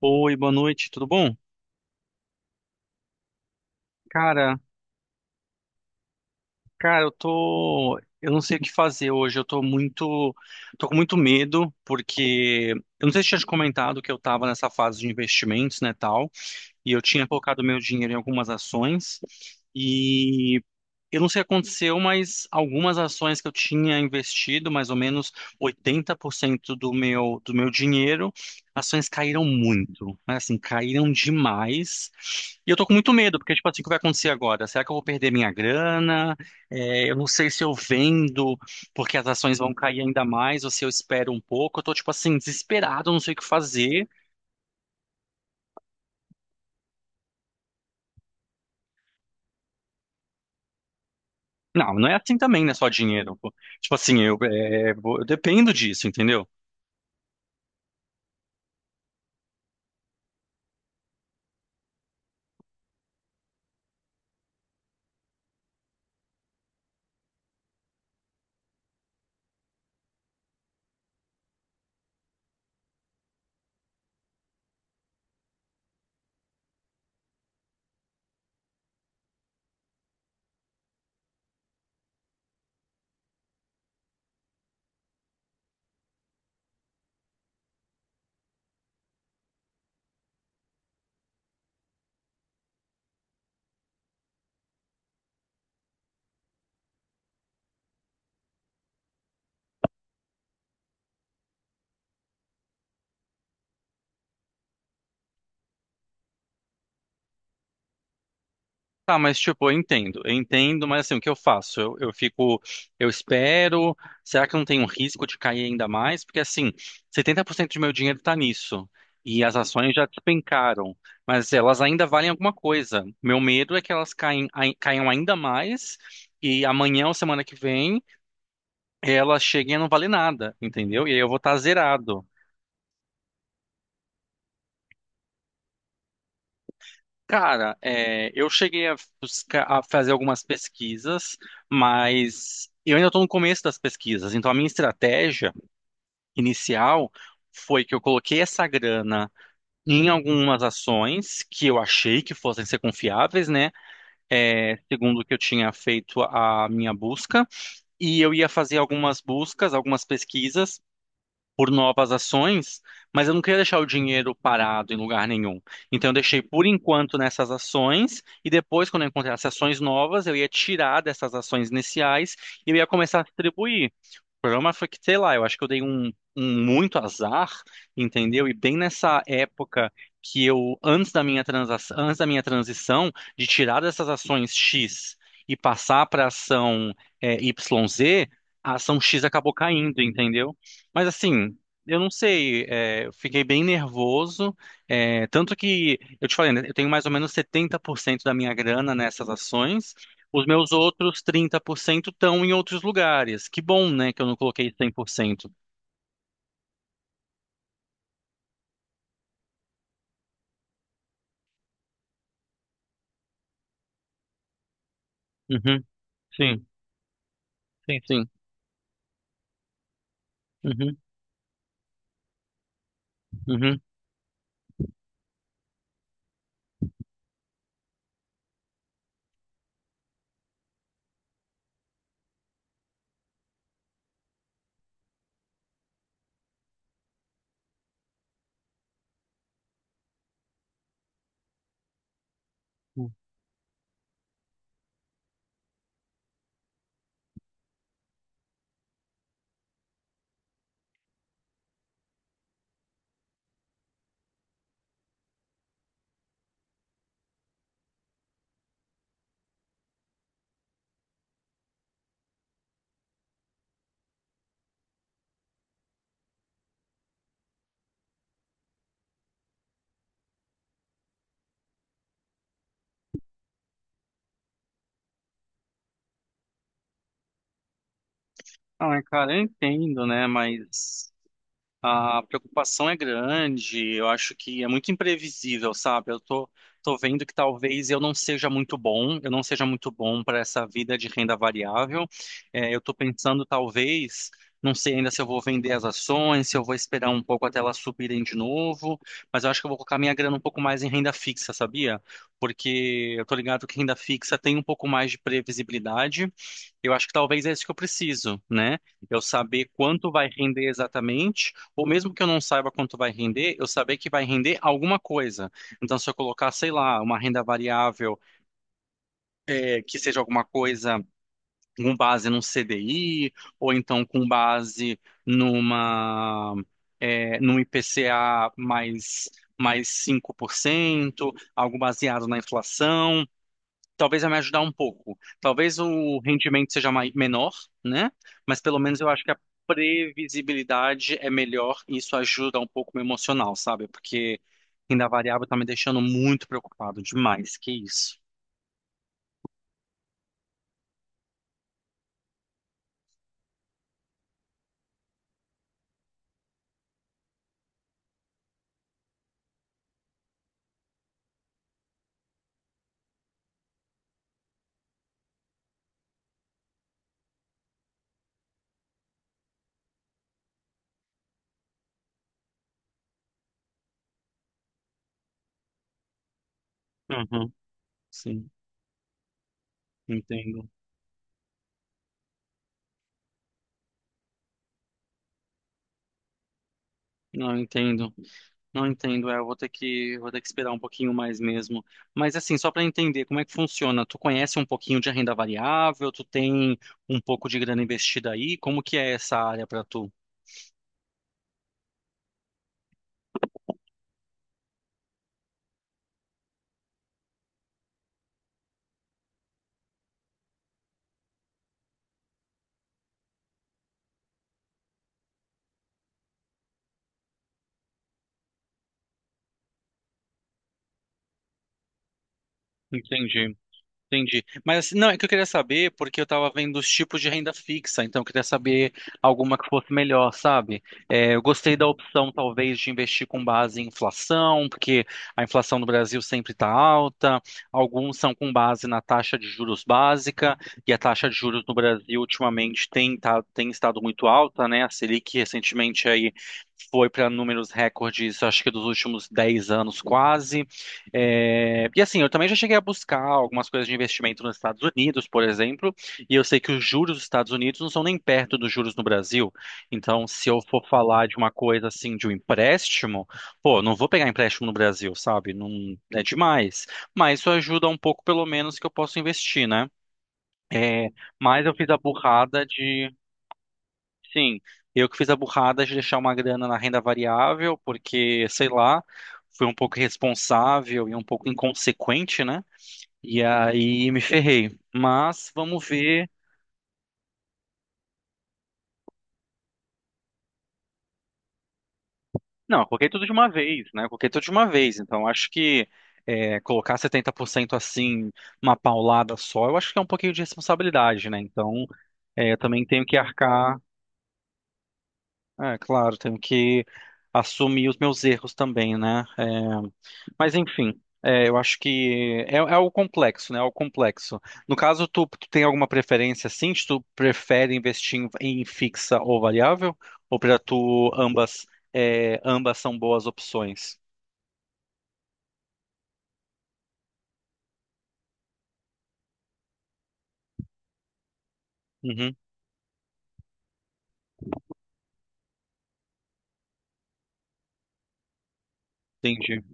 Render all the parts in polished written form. Oi, boa noite, tudo bom? Cara, cara, eu não sei o que fazer hoje. Tô com muito medo porque eu não sei se eu tinha te comentado que eu tava nessa fase de investimentos, né, tal. E eu tinha colocado meu dinheiro em algumas ações e eu não sei o que aconteceu, mas algumas ações que eu tinha investido, mais ou menos 80% do meu dinheiro, ações caíram muito, mas assim, caíram demais. E eu tô com muito medo, porque tipo assim, o que vai acontecer agora? Será que eu vou perder minha grana? É, eu não sei se eu vendo porque as ações vão cair ainda mais, ou se eu espero um pouco. Eu tô tipo assim, desesperado, eu não sei o que fazer. Não, não é assim também, né? Só dinheiro, pô. Tipo assim, eu dependo disso, entendeu? Tá, mas tipo, eu entendo, mas assim, o que eu faço? Eu fico, eu espero. Será que eu não tem um risco de cair ainda mais? Porque assim, 70% do meu dinheiro tá nisso. E as ações já despencaram, mas elas ainda valem alguma coisa. Meu medo é que elas caiam ainda mais e amanhã ou semana que vem elas cheguem a não valer nada, entendeu? E aí eu vou estar zerado. Cara, eu cheguei a fazer algumas pesquisas, mas eu ainda estou no começo das pesquisas. Então, a minha estratégia inicial foi que eu coloquei essa grana em algumas ações que eu achei que fossem ser confiáveis, né? É, segundo o que eu tinha feito a minha busca, e eu ia fazer algumas buscas, algumas pesquisas por novas ações, mas eu não queria deixar o dinheiro parado em lugar nenhum. Então eu deixei por enquanto nessas ações e depois, quando eu encontrasse ações novas, eu ia tirar dessas ações iniciais e eu ia começar a distribuir. O problema foi que, sei lá, eu acho que eu dei um muito azar, entendeu? E bem nessa época que eu, antes da minha transição, de tirar dessas ações X e passar para ação YZ, a ação X acabou caindo, entendeu? Mas assim, eu não sei, eu fiquei bem nervoso, tanto que, eu te falei, né, eu tenho mais ou menos 70% da minha grana nessas ações, os meus outros 30% estão em outros lugares. Que bom, né, que eu não coloquei 100%. Uhum, sim, sim, sim. Uhum, uhum. Não, cara, eu entendo, né, mas a preocupação é grande, eu acho que é muito imprevisível, sabe? Eu tô vendo que talvez eu não seja muito bom, eu não seja muito bom para essa vida de renda variável. É, eu tô pensando, talvez, não sei ainda se eu vou vender as ações, se eu vou esperar um pouco até elas subirem de novo, mas eu acho que eu vou colocar minha grana um pouco mais em renda fixa, sabia? Porque eu tô ligado que renda fixa tem um pouco mais de previsibilidade. Eu acho que talvez é isso que eu preciso, né? Eu saber quanto vai render exatamente ou mesmo que eu não saiba quanto vai render, eu saber que vai render alguma coisa. Então, se eu colocar, sei lá, uma renda variável, que seja alguma coisa com base num CDI, ou então com base numa, num IPCA mais 5%, algo baseado na inflação talvez vai me ajudar um pouco. Talvez o rendimento seja menor, né? Mas pelo menos eu acho que a previsibilidade é melhor e isso ajuda um pouco o meu emocional, sabe? Porque renda variável tá me deixando muito preocupado demais. Que isso? Uhum, sim, entendo. Não entendo. Não entendo. É, eu vou ter que esperar um pouquinho mais mesmo. Mas assim, só para entender como é que funciona, tu conhece um pouquinho de renda variável, tu tem um pouco de grana investida aí, como que é essa área para tu? Entendi. Entendi. Mas assim, não, é que eu queria saber, porque eu tava vendo os tipos de renda fixa, então eu queria saber alguma que fosse melhor, sabe? É, eu gostei da opção, talvez, de investir com base em inflação, porque a inflação no Brasil sempre está alta, alguns são com base na taxa de juros básica, e a taxa de juros no Brasil ultimamente tem estado muito alta, né? A Selic recentemente aí foi para números recordes, acho que dos últimos 10 anos quase. É, e assim, eu também já cheguei a buscar algumas coisas de investimento nos Estados Unidos, por exemplo, e eu sei que os juros dos Estados Unidos não são nem perto dos juros no Brasil. Então, se eu for falar de uma coisa assim, de um empréstimo, pô, não vou pegar empréstimo no Brasil, sabe? Não é demais. Mas isso ajuda um pouco, pelo menos, que eu posso investir, né? É, mas eu fiz a burrada de sim, eu que fiz a burrada de deixar uma grana na renda variável, porque, sei lá, fui um pouco irresponsável e um pouco inconsequente, né? E aí me ferrei. Mas vamos ver. Não, eu coloquei tudo de uma vez, né? Eu coloquei tudo de uma vez. Então, acho que colocar 70% assim, uma paulada só, eu acho que é um pouquinho de responsabilidade, né? Então, eu também tenho que arcar. É, claro, tenho que assumir os meus erros também, né? Mas enfim, eu acho que é o complexo, né? É o complexo. No caso, tu tem alguma preferência assim? Se tu prefere investir em fixa ou variável? Ou para tu ambas são boas opções? Uhum, entendi,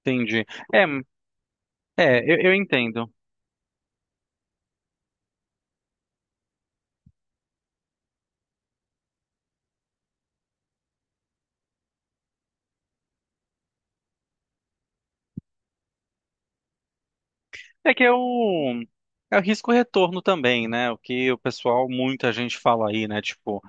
entendi. É, é, eu entendo. É que é o risco-retorno também, né? O que o pessoal, muita gente fala aí, né? Tipo,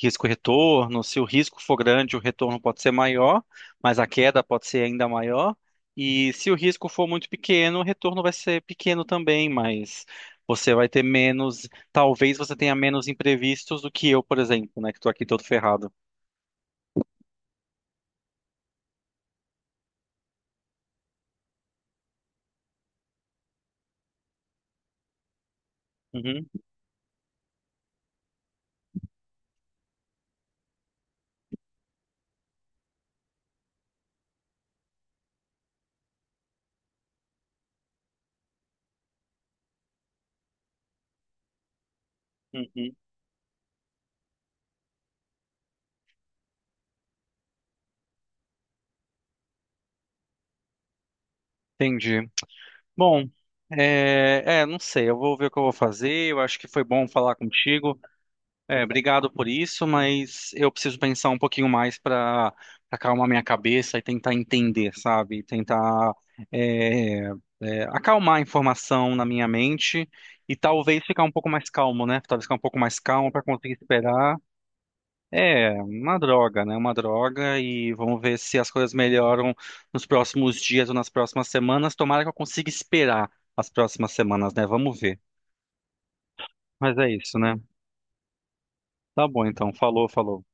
risco-retorno, se o risco for grande, o retorno pode ser maior, mas a queda pode ser ainda maior. E se o risco for muito pequeno, o retorno vai ser pequeno também, mas você vai ter menos, talvez você tenha menos imprevistos do que eu, por exemplo, né? Que tô aqui todo ferrado. Uhum, uhum. Entendi. Bom, não sei, eu vou ver o que eu vou fazer. Eu acho que foi bom falar contigo. É, obrigado por isso, mas eu preciso pensar um pouquinho mais para acalmar minha cabeça e tentar entender, sabe? Tentar é, acalmar a informação na minha mente e talvez ficar um pouco mais calmo, né? Talvez ficar um pouco mais calmo para conseguir esperar. É, uma droga, né? Uma droga e vamos ver se as coisas melhoram nos próximos dias ou nas próximas semanas. Tomara que eu consiga esperar as próximas semanas, né? Vamos ver. Mas é isso, né? Tá bom, então. Falou, falou.